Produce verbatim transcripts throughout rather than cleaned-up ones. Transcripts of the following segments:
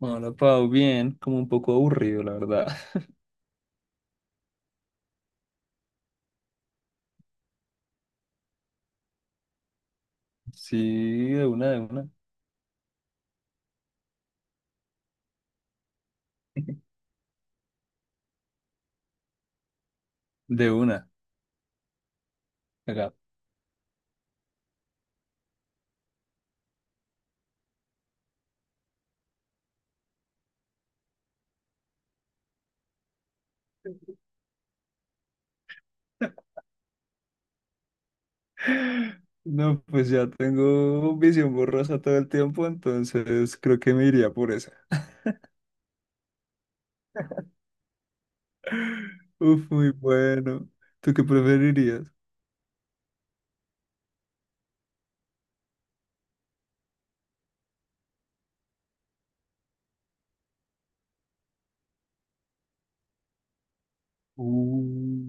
Hola, Pau, bien, como un poco aburrido, la verdad. Sí, de una, de una, de una, acá. No, pues ya tengo visión borrosa todo el tiempo, entonces creo que me iría por esa. Uf, muy bueno. ¿Tú qué preferirías? Uh,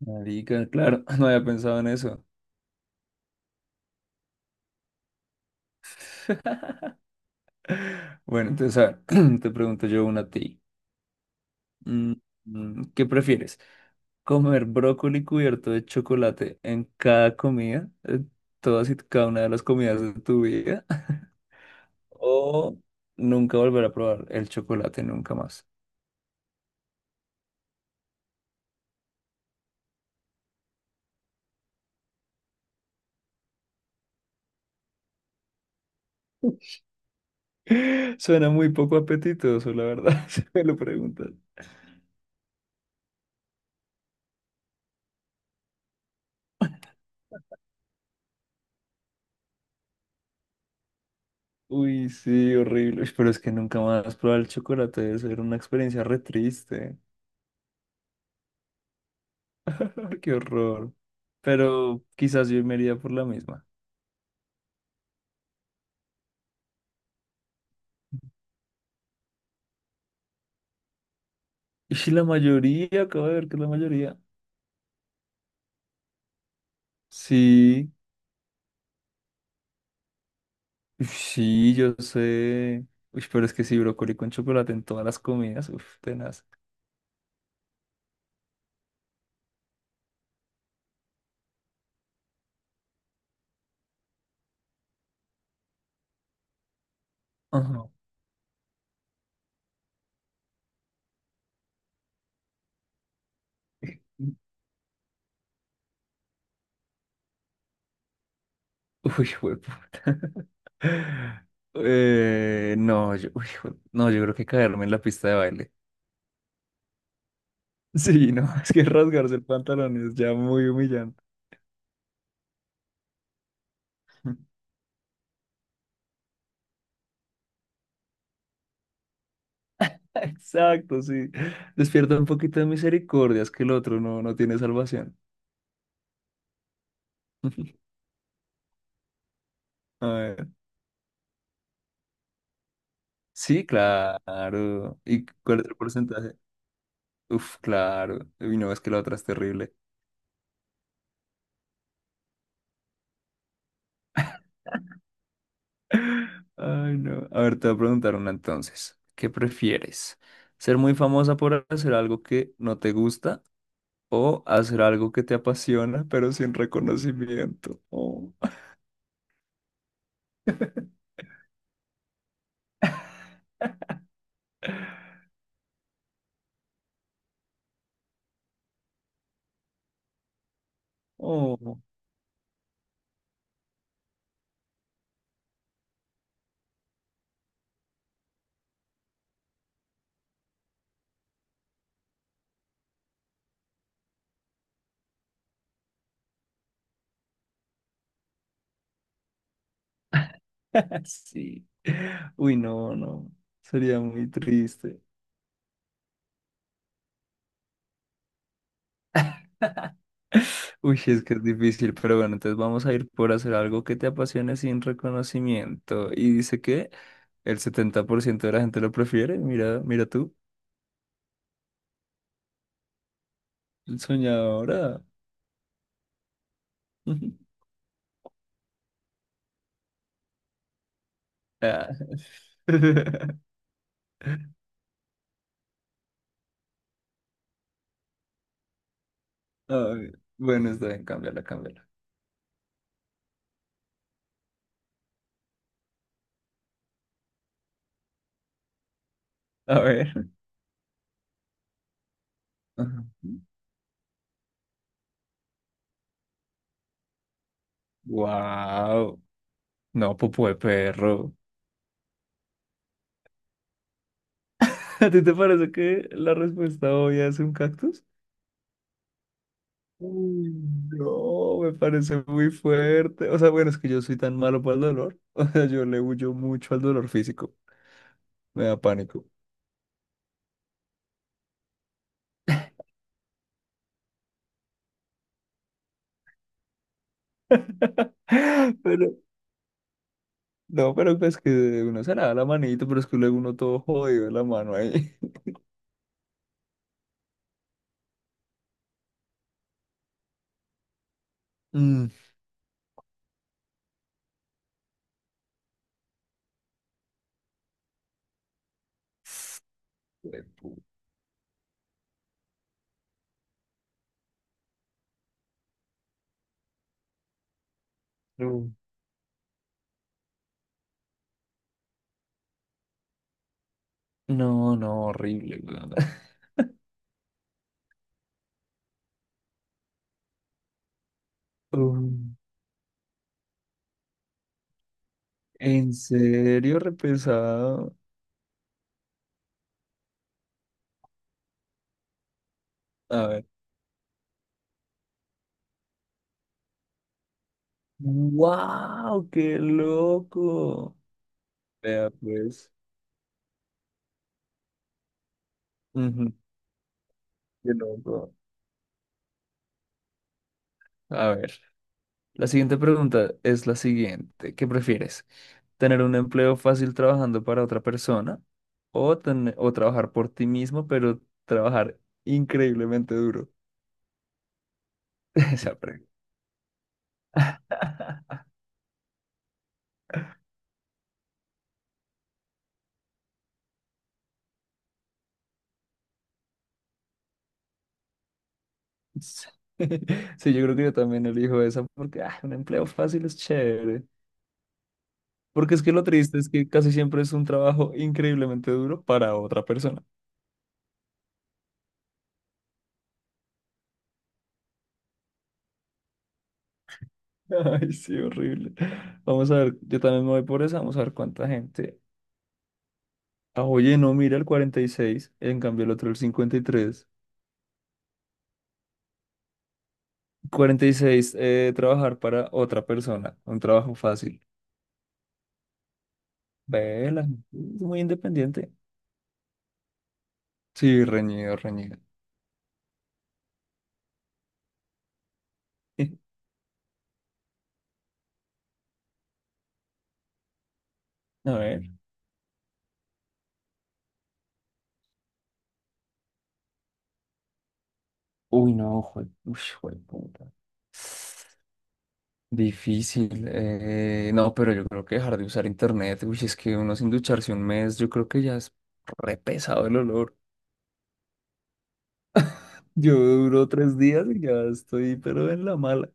marica, claro, no había pensado en eso. Bueno, entonces, a ver, te pregunto yo una a ti. Mm, mm, ¿Qué prefieres? Comer brócoli cubierto de chocolate en cada comida, en todas y cada una de las comidas de tu vida, o nunca volver a probar el chocolate nunca más. Suena muy poco apetitoso, la verdad, si me lo preguntas. Uy, sí, horrible. Uy, pero es que nunca más probar el chocolate debe ser una experiencia re triste. Qué horror. Pero quizás yo me iría por la misma. Y si la mayoría, acabo de ver que es la mayoría. Sí. Uf, sí, yo sé. Uy, pero es que sí, brócoli con chocolate en todas las comidas. Uf, tenaz. Ajá. Uy, jueputa. Eh, no, yo, uy, jue- no, yo creo que caerme en la pista de baile. Sí, no, es que rasgarse el pantalón es ya muy humillante. Exacto, sí. Despierta un poquito de misericordia, es que el otro no, no tiene salvación. A ver. Sí, claro. ¿Y cuál es el porcentaje? Uf, claro. Uy, no, es que la otra es terrible. Ay, no. A ver, te voy a preguntar una entonces. ¿Qué prefieres? ¿Ser muy famosa por hacer algo que no te gusta o hacer algo que te apasiona pero sin reconocimiento? Oh, oh, sí. Uy, no, no. Sería muy triste. Uy, es que es difícil, pero bueno, entonces vamos a ir por hacer algo que te apasione sin reconocimiento. Y dice que el setenta por ciento de la gente lo prefiere. Mira, mira tú, soñadora. Ah. Ay, bueno, está bien, cámbiala, cámbiala. A ver. Wow. No, popó de perro. ¿A ti te parece que la respuesta obvia es un cactus? Uy, no, me parece muy fuerte. O sea, bueno, es que yo soy tan malo para el dolor. O sea, yo le huyo mucho al dolor físico. Me da pánico. Pero, no, pero pues que uno se lava la manito, pero es que luego uno todo jodido de la mano ahí. Mm. Uh, no, no, horrible, weón. uh, ¿En serio repesado? A ver. ¡Wow! ¡Qué loco! Vea, pues. Ujú, ¡qué loco! A ver. La siguiente pregunta es la siguiente. ¿Qué prefieres? ¿Tener un empleo fácil trabajando para otra persona o, ten- o trabajar por ti mismo, pero trabajar increíblemente duro? Esa pregunta. Sí, sí, yo creo que yo también elijo esa porque ah, un empleo fácil es chévere. Porque es que lo triste es que casi siempre es un trabajo increíblemente duro para otra persona. Ay, sí, horrible. Vamos a ver, yo también me voy por esa, vamos a ver cuánta gente. Ah, oye, no, mira el cuarenta y seis, en cambio el otro el cincuenta y tres. Cuarenta y seis, eh, trabajar para otra persona, un trabajo fácil. Vela, es muy independiente. Sí, reñido, reñido. A ver. Uy, no, jue, uy, jueputa. Difícil. eh, no, pero yo creo que dejar de usar internet, uy, es que uno sin ducharse un mes, yo creo que ya es re pesado el olor. Yo duro tres días y ya estoy, pero en la mala.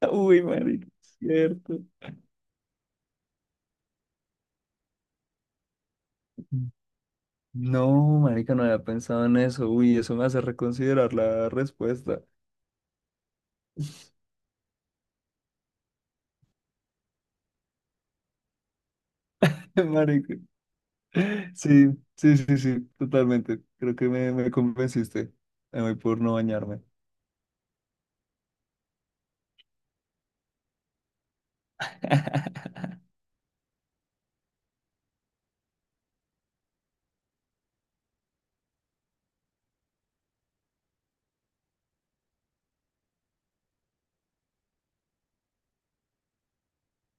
Uy, marica, es cierto. No, marica, no había pensado en eso. Uy, eso me hace reconsiderar la respuesta. Marica. Sí, sí, sí, sí, totalmente. Creo que me, me convenciste. Me voy por no bañarme.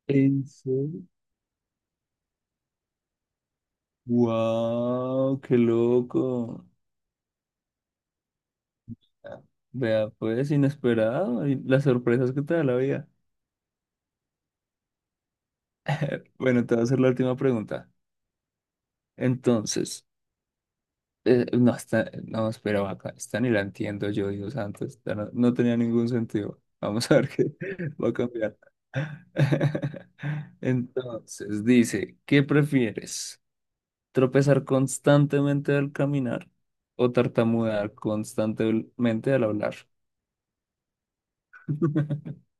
En serio. Wow, qué loco. Ah, vea, pues inesperado y las sorpresas que te da la vida. Bueno, te voy a hacer la última pregunta. Entonces, eh, no, está, no, espera, vaca, esta ni la entiendo yo, Dios santo, esta no, no tenía ningún sentido. Vamos a ver qué va a cambiar. Entonces, dice, ¿qué prefieres? ¿Tropezar constantemente al caminar o tartamudear constantemente al hablar?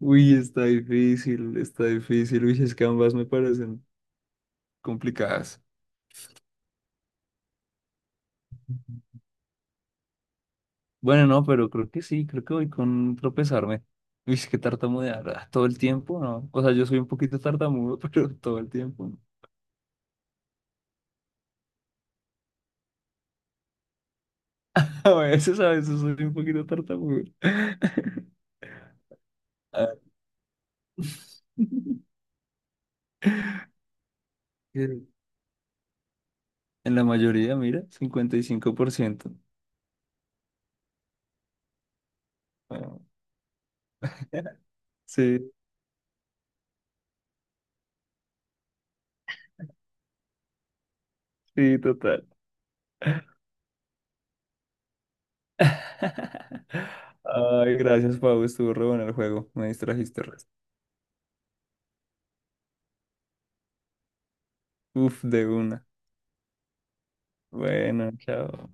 Uy, está difícil, está difícil. Uy, es que ambas me parecen complicadas. Bueno, no, pero creo que sí, creo que voy con tropezarme. Uy, es que tartamudear ah, todo el tiempo, ¿no? O sea, yo soy un poquito tartamudo, pero todo el tiempo. No. A veces, a veces soy un poquito tartamudo. Ah. En la mayoría, mira, cincuenta y cinco por ciento. Ah. Sí, sí, total. Ay, gracias, Pau. Estuvo re bueno el juego. Me distrajiste. Re- Uf, de una. Bueno, chao.